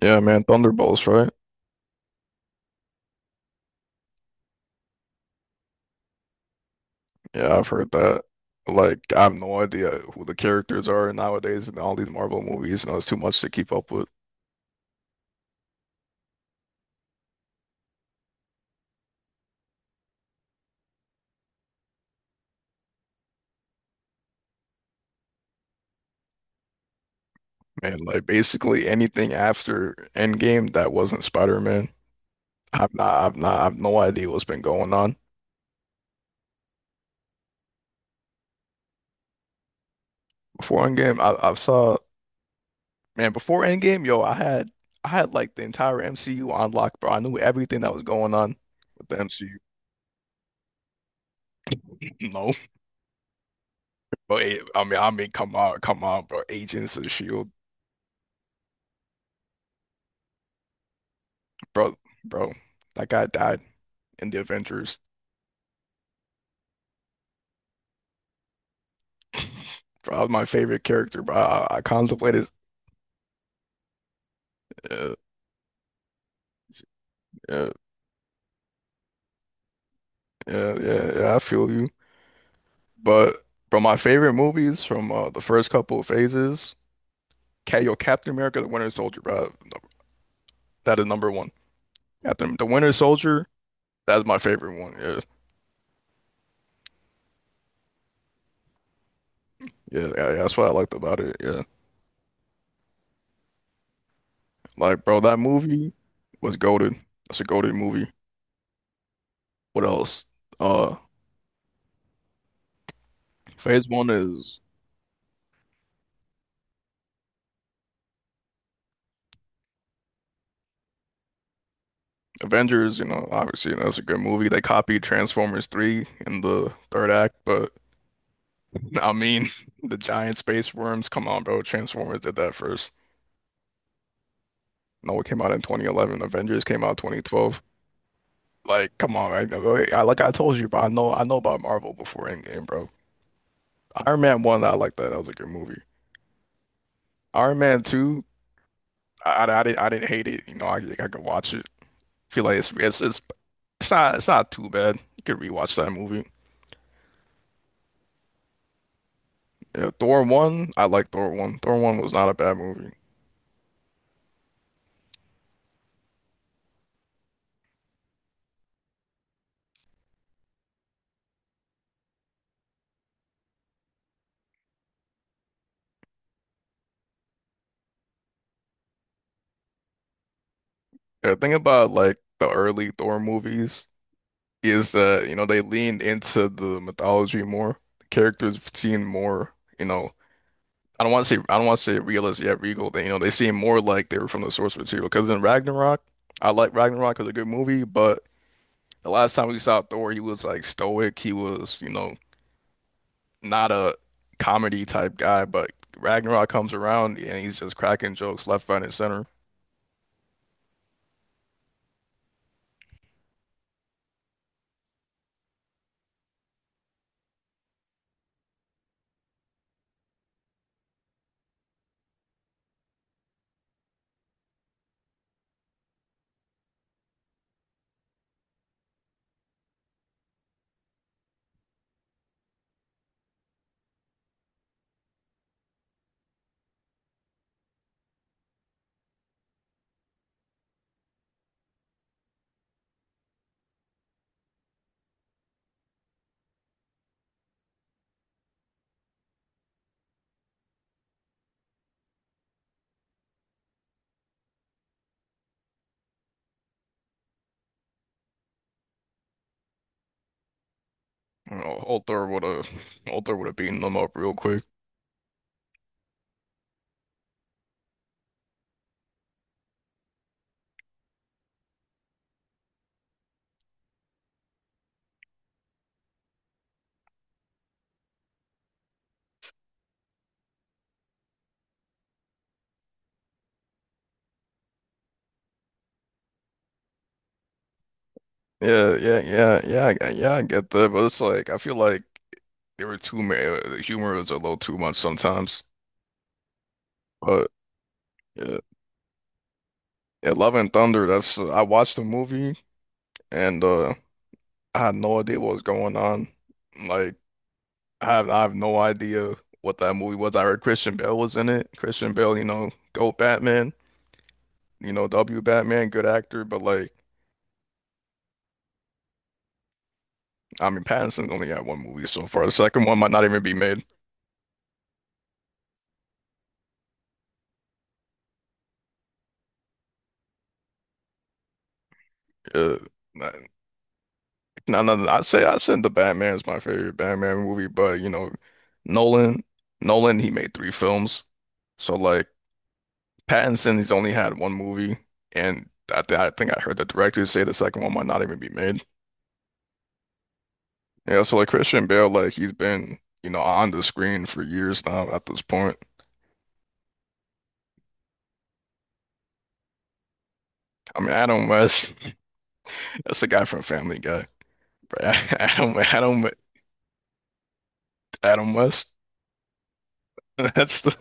Yeah, man, Thunderbolts, right? Yeah, I've heard that. Like, I have no idea who the characters are nowadays in all these Marvel movies, and it's too much to keep up with. Man, like basically anything after Endgame that wasn't Spider-Man, I've no idea what's been going on. Before Endgame, I saw, man, before Endgame, yo, I had like the entire MCU on lock, bro. I knew everything that was going on with the MCU. No, I mean, come on, bro. Agents of Shield. Bro, bro, that guy died in the Avengers. Bro, that was my favorite character, bro. I contemplated. Uh, yeah, yeah, I feel you. But bro, my favorite movies from the first couple of phases, yo, Captain America, the Winter Soldier, bro. That is number one. Captain, the Winter Soldier, that's my favorite one. Yeah, yeah, that's what I liked about it. Yeah, like bro, that movie was goated. That's a goated movie. What else? Uh, Phase one is. Avengers, you know, obviously, you know, that's a good movie. They copied Transformers 3 in the third act, but I mean, the giant space worms, come on, bro. Transformers did that first. No, it came out in 2011. Avengers came out 2012. Like, come on, right? I, like I told you, bro, I know about Marvel before Endgame, bro. Iron Man 1, I like that. That was a good movie. Iron Man 2, I didn't hate it. You know, I could watch it. Feel like it's not too bad. You could rewatch that movie. Yeah, Thor 1, I like Thor 1. Thor 1 was not a bad movie. Yeah, the thing about like the early Thor movies is that, you know, they leaned into the mythology more. The characters seemed more, you know, I don't want to say realistic yet regal. They, you know, they seem more like they were from the source material. Because in Ragnarok, I like Ragnarok as a good movie, but the last time we saw Thor, he was like stoic. He was, you know, not a comedy type guy, but Ragnarok comes around and he's just cracking jokes left, right, and center. You know, Altar would have Altar would have beaten them up real quick. Yeah, yeah, I get that, but it's like I feel like they were too ma the humor was a little too much sometimes. But yeah, yeah, Love and Thunder, that's I watched the movie and I had no idea what was going on. Like I have no idea what that movie was. I heard Christian Bale was in it. Christian Bale, you know, GOAT Batman, you know, W Batman, good actor, but like I mean Pattinson's only had one movie so far. The second one might not even be made. Uh, no, I said the Batman is my favorite Batman movie, but you know, Nolan, Nolan, he made three films. So like Pattinson, he's only had one movie, and I think I heard the director say the second one might not even be made. Yeah, so like Christian Bale, like he's been you know on the screen for years now at this point. I mean, Adam West, that's the guy from Family Guy, bro. Adam, Adam, Adam West. That's the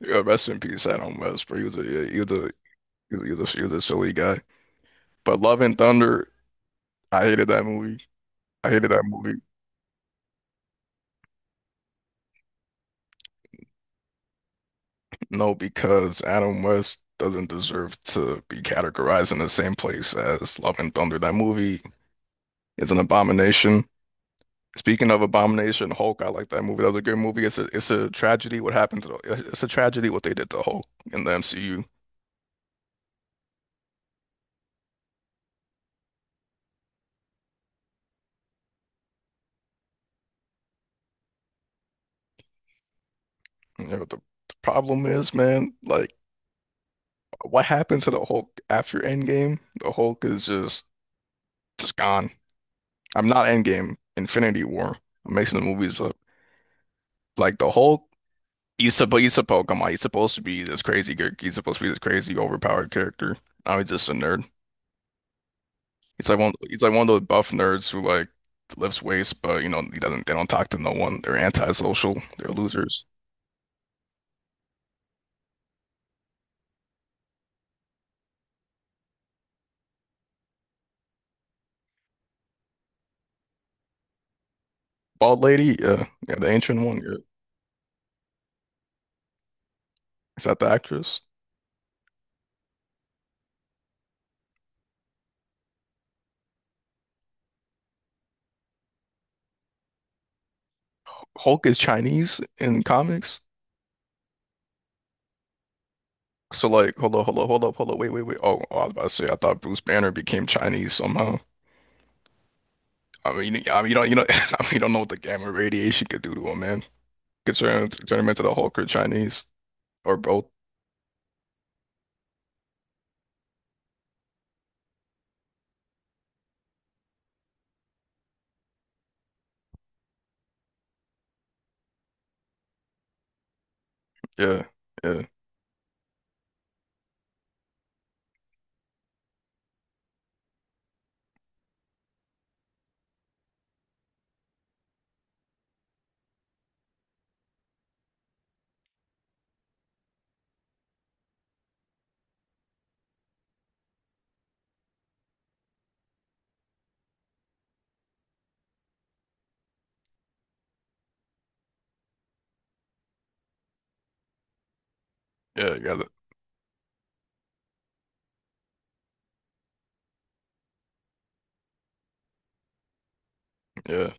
yeah, rest in peace, Adam West, bro. He was a yeah, he was a. He's a silly guy. But Love and Thunder, I hated that movie. I hated that movie. No, because Adam West doesn't deserve to be categorized in the same place as Love and Thunder. That movie is an abomination. Speaking of abomination, Hulk, I like that movie. That was a good movie. It's a tragedy what happened to the, it's a tragedy what they did to Hulk in the MCU. You know, the problem is, man, like what happened to the Hulk after Endgame? The Hulk is just gone. I'm not Endgame, Infinity War. I'm mixing the movies up. Like the Hulk, he's come on, he's supposed to be this crazy character. He's supposed to be this crazy overpowered character. Now he's just a nerd. He's like one of those buff nerds who like lifts weights, but you know, he doesn't they don't talk to no one. They're antisocial. They're losers. Bald lady, yeah, the ancient one, yeah. Is that the actress? Hulk is Chinese in comics. So like, hold up, wait. Oh, I was about to say, I thought Bruce Banner became Chinese somehow. I mean, you don't, you know, I mean, you don't know what the gamma radiation could do to him, man. Could turn him into the Hulk or Chinese or both. Yeah, yeah, yeah. You got it. Yeah,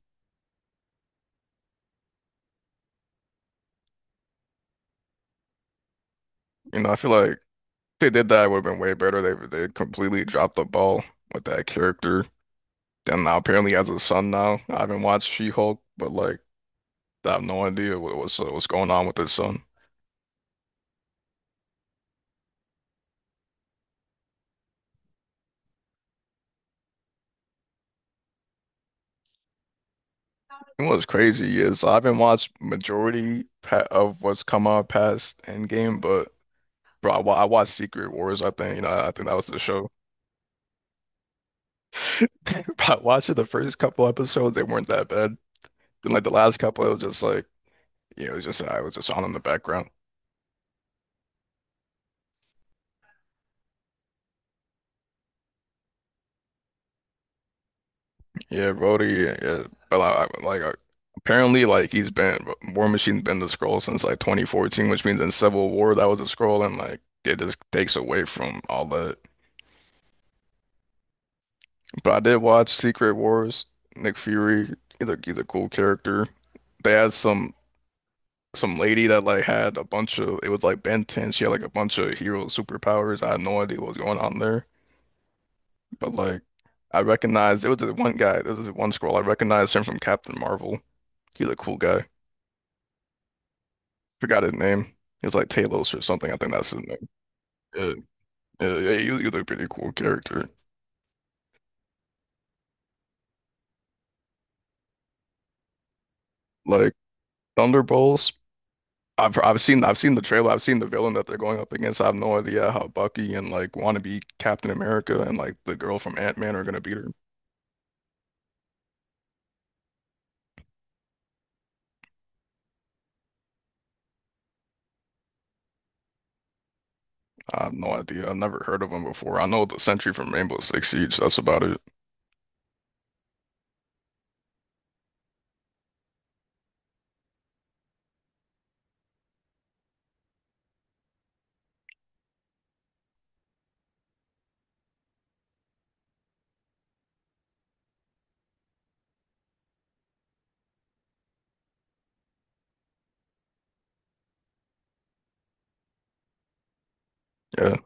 you know, I feel like if they did that, it would have been way better. They completely dropped the ball with that character. And now apparently has a son now. I haven't watched She-Hulk, but like I have no idea what's going on with his son. And what's crazy is I haven't watched majority pa of what's come out past Endgame, but bro, I watched Secret Wars. I think that was the show. But watching the first couple episodes, they weren't that bad. And like the last couple, it was just like, yeah, it was just I was just on in the background. Yeah, Rhodey, yeah. But like, I- like, uh, apparently, like he's been War Machine's been the scroll since like 2014, which means in Civil War that was a scroll, and like it just takes away from all that. But I did watch Secret Wars. Nick Fury, he's a cool character. They had some lady that like had a bunch of it was like Ben 10. She had like a bunch of hero superpowers. I had no idea what was going on there. But like, I recognized it was the one guy. There was this one scroll I recognized him from Captain Marvel. He was a cool guy. Forgot his name. He was like Talos or something. I think that's his name. Yeah, yeah, he was a pretty cool character. Like Thunderbolts. I've seen the trailer. I've seen the villain that they're going up against. I have no idea how Bucky and like wannabe Captain America and like the girl from Ant-Man are gonna beat her. I have no idea. I've never heard of him before. I know the Sentry from Rainbow Six Siege. That's about it. Yeah.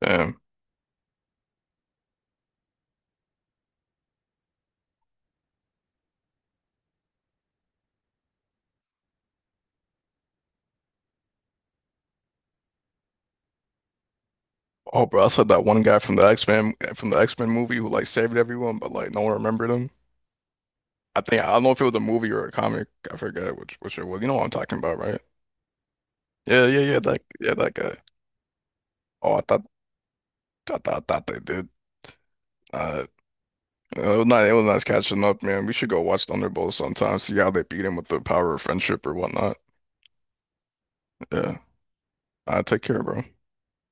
Damn. Oh, bro, I like that one guy from the X-Men movie who like saved everyone, but like no one remembered him. I think I don't know if it was a movie or a comic. I forget which it was. You know what I'm talking about, right? Yeah, yeah, yeah. That yeah, that guy. Oh, I thought I thought they did. Uh, It was nice catching up, man. We should go watch Thunderbolts sometime. See how they beat him with the power of friendship or whatnot. Yeah. Take care, bro.